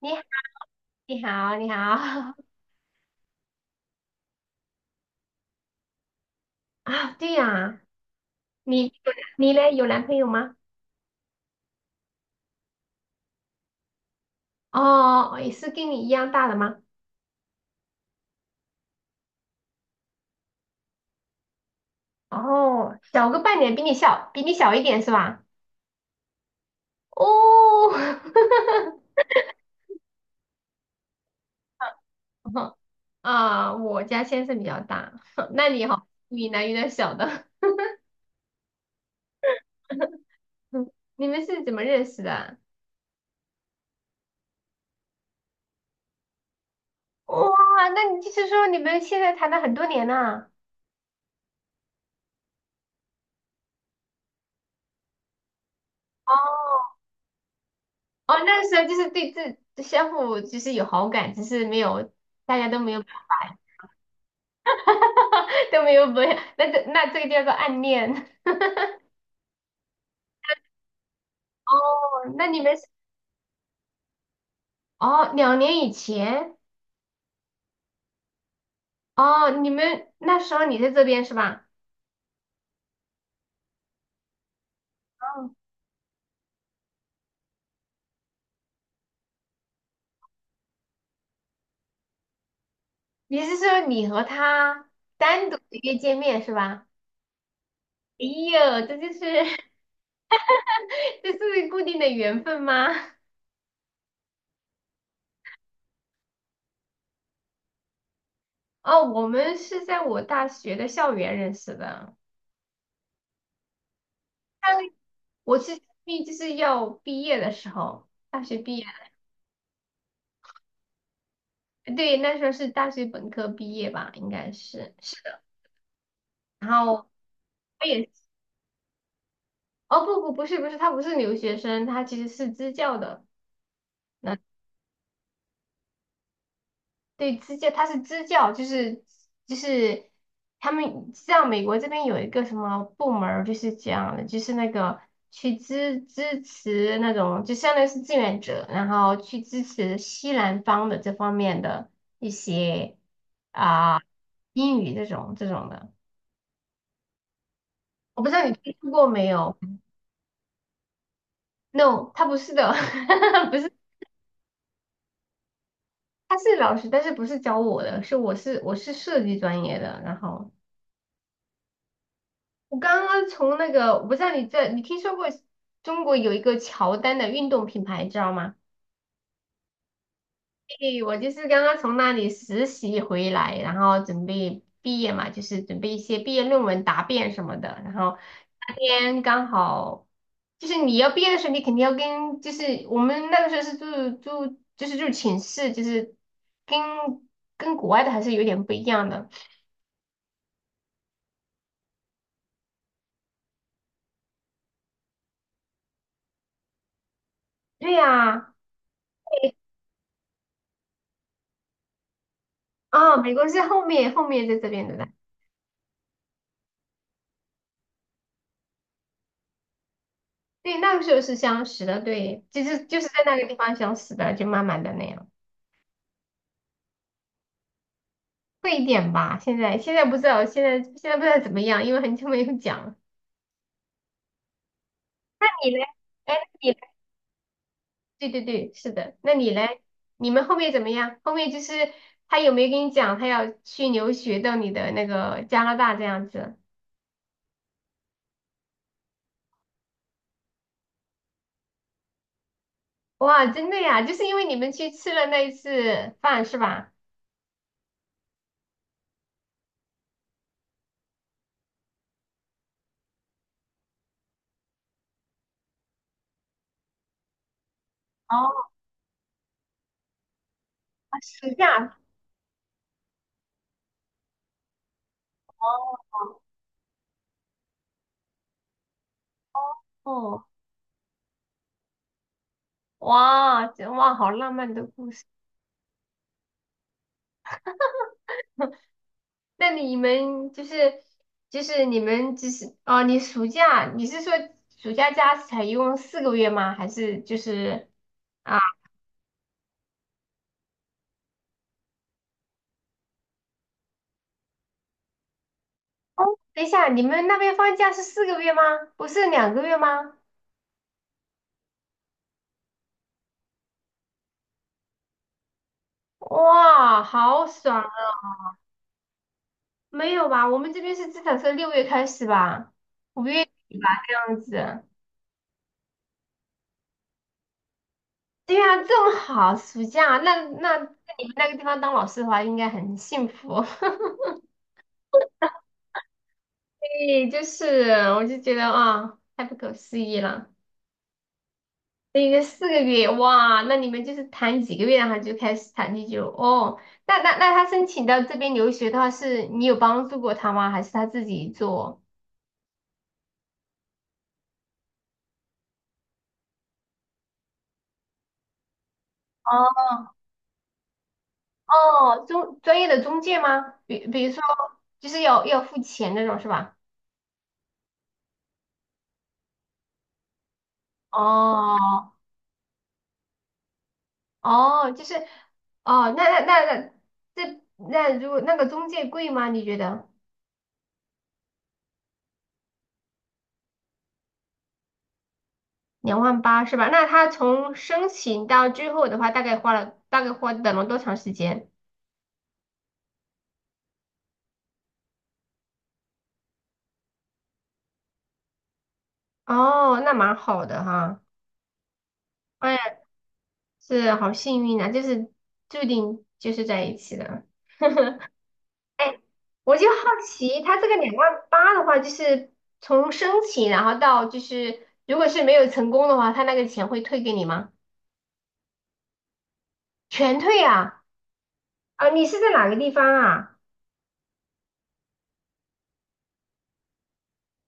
你你好，你好 啊，对呀，你你嘞有男朋友吗？哦，也是跟你一样大的吗？哦，小个半年，比你小一点是吧？哦，啊，我家先生比较大，那你好，你男有点小的，嗯，你们是怎么认识的啊？哇，那你就是说你们现在谈了很多年呐？哦。哦，那个时候就是对自相互就是有好感，只是没有大家都没有表白，都没有表，那这个叫做暗恋。哦，那你们是哦，2年以前。哦，你们那时候你在这边是吧？哦，你是说你和他单独的约见面是吧？哎呦，这就是 这是固定的缘分吗？哦，我们是在我大学的校园认识的。我是毕就是要毕业的时候，大学毕业。对，那时候是大学本科毕业吧，应该是的。然后我也，哦，不不，不是不是，他不是留学生，他其实是支教的。那，对，支教，他是支教，就是他们像美国这边有一个什么部门儿，就是这样的，就是那个去支持那种，就相当于是志愿者，然后去支持西南方的这方面的一些。啊、英语这种的，我不知道你听说过没有？No，他不是的，不是，他是老师，但是不是教我的，我是设计专业的。然后我刚刚从那个，我不知道你听说过中国有一个乔丹的运动品牌，知道吗？对，我就是刚刚从那里实习回来，然后准备毕业嘛，就是准备一些毕业论文答辩什么的。然后那天刚好，就是你要毕业的时候，你肯定要跟，就是我们那个时候是住，就是住寝室，就是跟跟国外的还是有点不一样的。对呀，啊，美国是后面在这边的啦。对，那个时候是相识的，对，就是在那个地方相识的，就慢慢的那样。会一点吧。现在不知道，现在不知道怎么样，因为很久没有讲了。那你嘞？哎，那你嘞，对对对，是的。那你嘞？你们后面怎么样？后面就是他有没有跟你讲他要去留学到你的那个加拿大这样子？哇，真的呀，就是因为你们去吃了那一次饭是吧？哦，暑假。哦，哇，这哇，好浪漫的故事。那你们就是就是你们就是哦，你是说暑假假才一共四个月吗？还是就是啊？等一下，你们那边放假是四个月吗？不是2个月吗？哇，好爽啊！没有吧？我们这边是至少是6月开始吧，5月这样子。对呀、这么好，暑假，那在你们那个地方当老师的话，应该很幸福。对，就是我就觉得啊，太不可思议了。等于四个月，哇，那你们就是谈几个月，然后就开始谈地就哦。那他申请到这边留学的话，是你有帮助过他吗？还是他自己做？哦哦，中专业的中介吗？比如说，就是要付钱那种是吧？哦哦，就是哦，那那那那这那如果那个中介贵吗？你觉得两万八是吧？那他从申请到最后的话，大概花了大概花等了多长时间？哦，那蛮好的哈。哎呀，是好幸运啊，就是注定就是在一起的。哎，我就好奇，他这个两万八的话，就是从申请，然后到就是如果是没有成功的话，他那个钱会退给你吗？全退啊？啊，你是在哪个地方啊？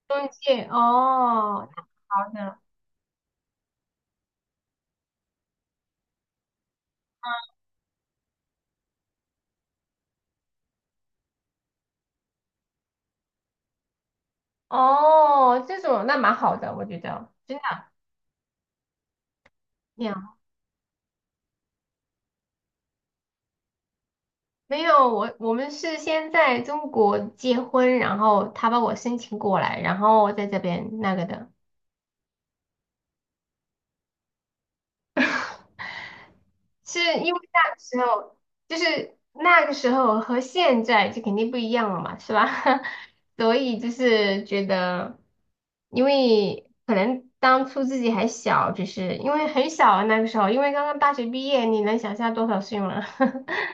中介哦，好的，哦，这种那蛮好的，我觉得真的。没有，我们是先在中国结婚，然后他把我申请过来，然后我在这边那个的，是因为那个时候就是那个时候和现在就肯定不一样了嘛，是吧？所以就是觉得，因为可能当初自己还小，只是因为很小啊那个时候，因为刚刚大学毕业，你能想象多少岁吗？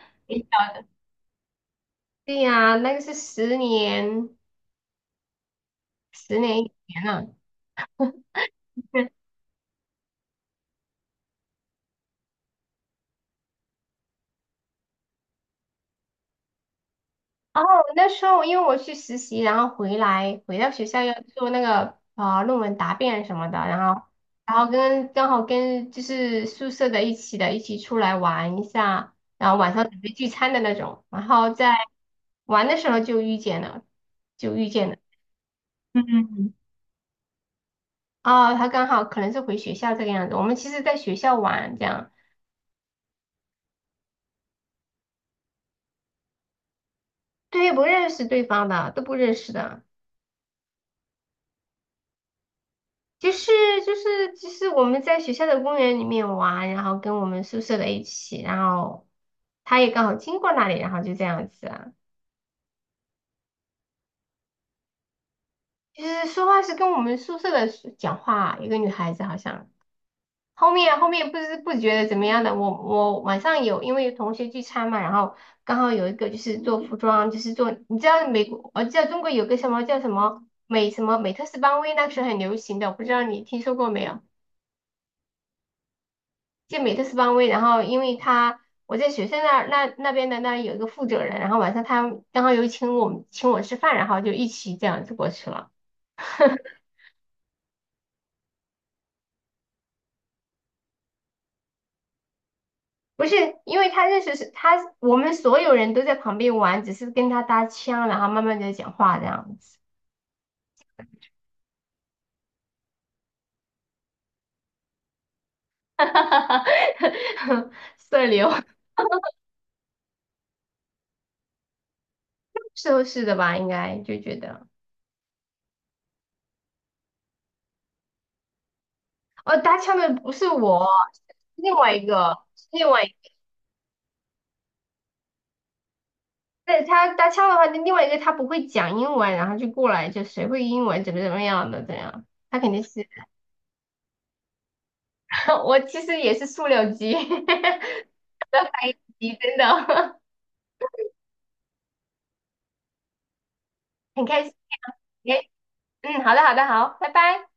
对呀，十年以前了。哦，那时候因为我去实习，然后回到学校要做那个论文答辩什么的，然后刚好跟就是宿舍的一起出来玩一下，然后晚上准备聚餐的那种，然后在玩的时候就遇见了，就遇见了。嗯，哦，他刚好可能是回学校这个样子。我们其实在学校玩这样，对，不认识对方的，都不认识的。就是就是我们在学校的公园里面玩，然后跟我们宿舍的一起，然后他也刚好经过那里，然后就这样子啊。就是说话是跟我们宿舍的是讲话，一个女孩子好像。后面不知不觉的怎么样的，我晚上有因为有同学聚餐嘛，然后刚好有一个就是做服装，就是做你知道美国，我知道中国有个什么叫什么美什么美特斯邦威，那时候很流行的，我不知道你听说过没有？就美特斯邦威，然后因为他我在学校那儿那那边的那儿有一个负责人，然后晚上他刚好有请我吃饭，然后就一起这样子过去了。不是，因为他认识是他，我们所有人都在旁边玩，只是跟他搭腔，然后慢慢的讲话这样子，社牛，是的吧？应该就觉得，哦，搭腔的不是我，是另外一个，是另外一个。对他搭腔的话，那另外一个他不会讲英文，然后就过来就谁会英文怎么样的这样，他肯定是 我其实也是塑料机，的翻译机真的 很开心。哎，嗯，好的好的好，拜拜。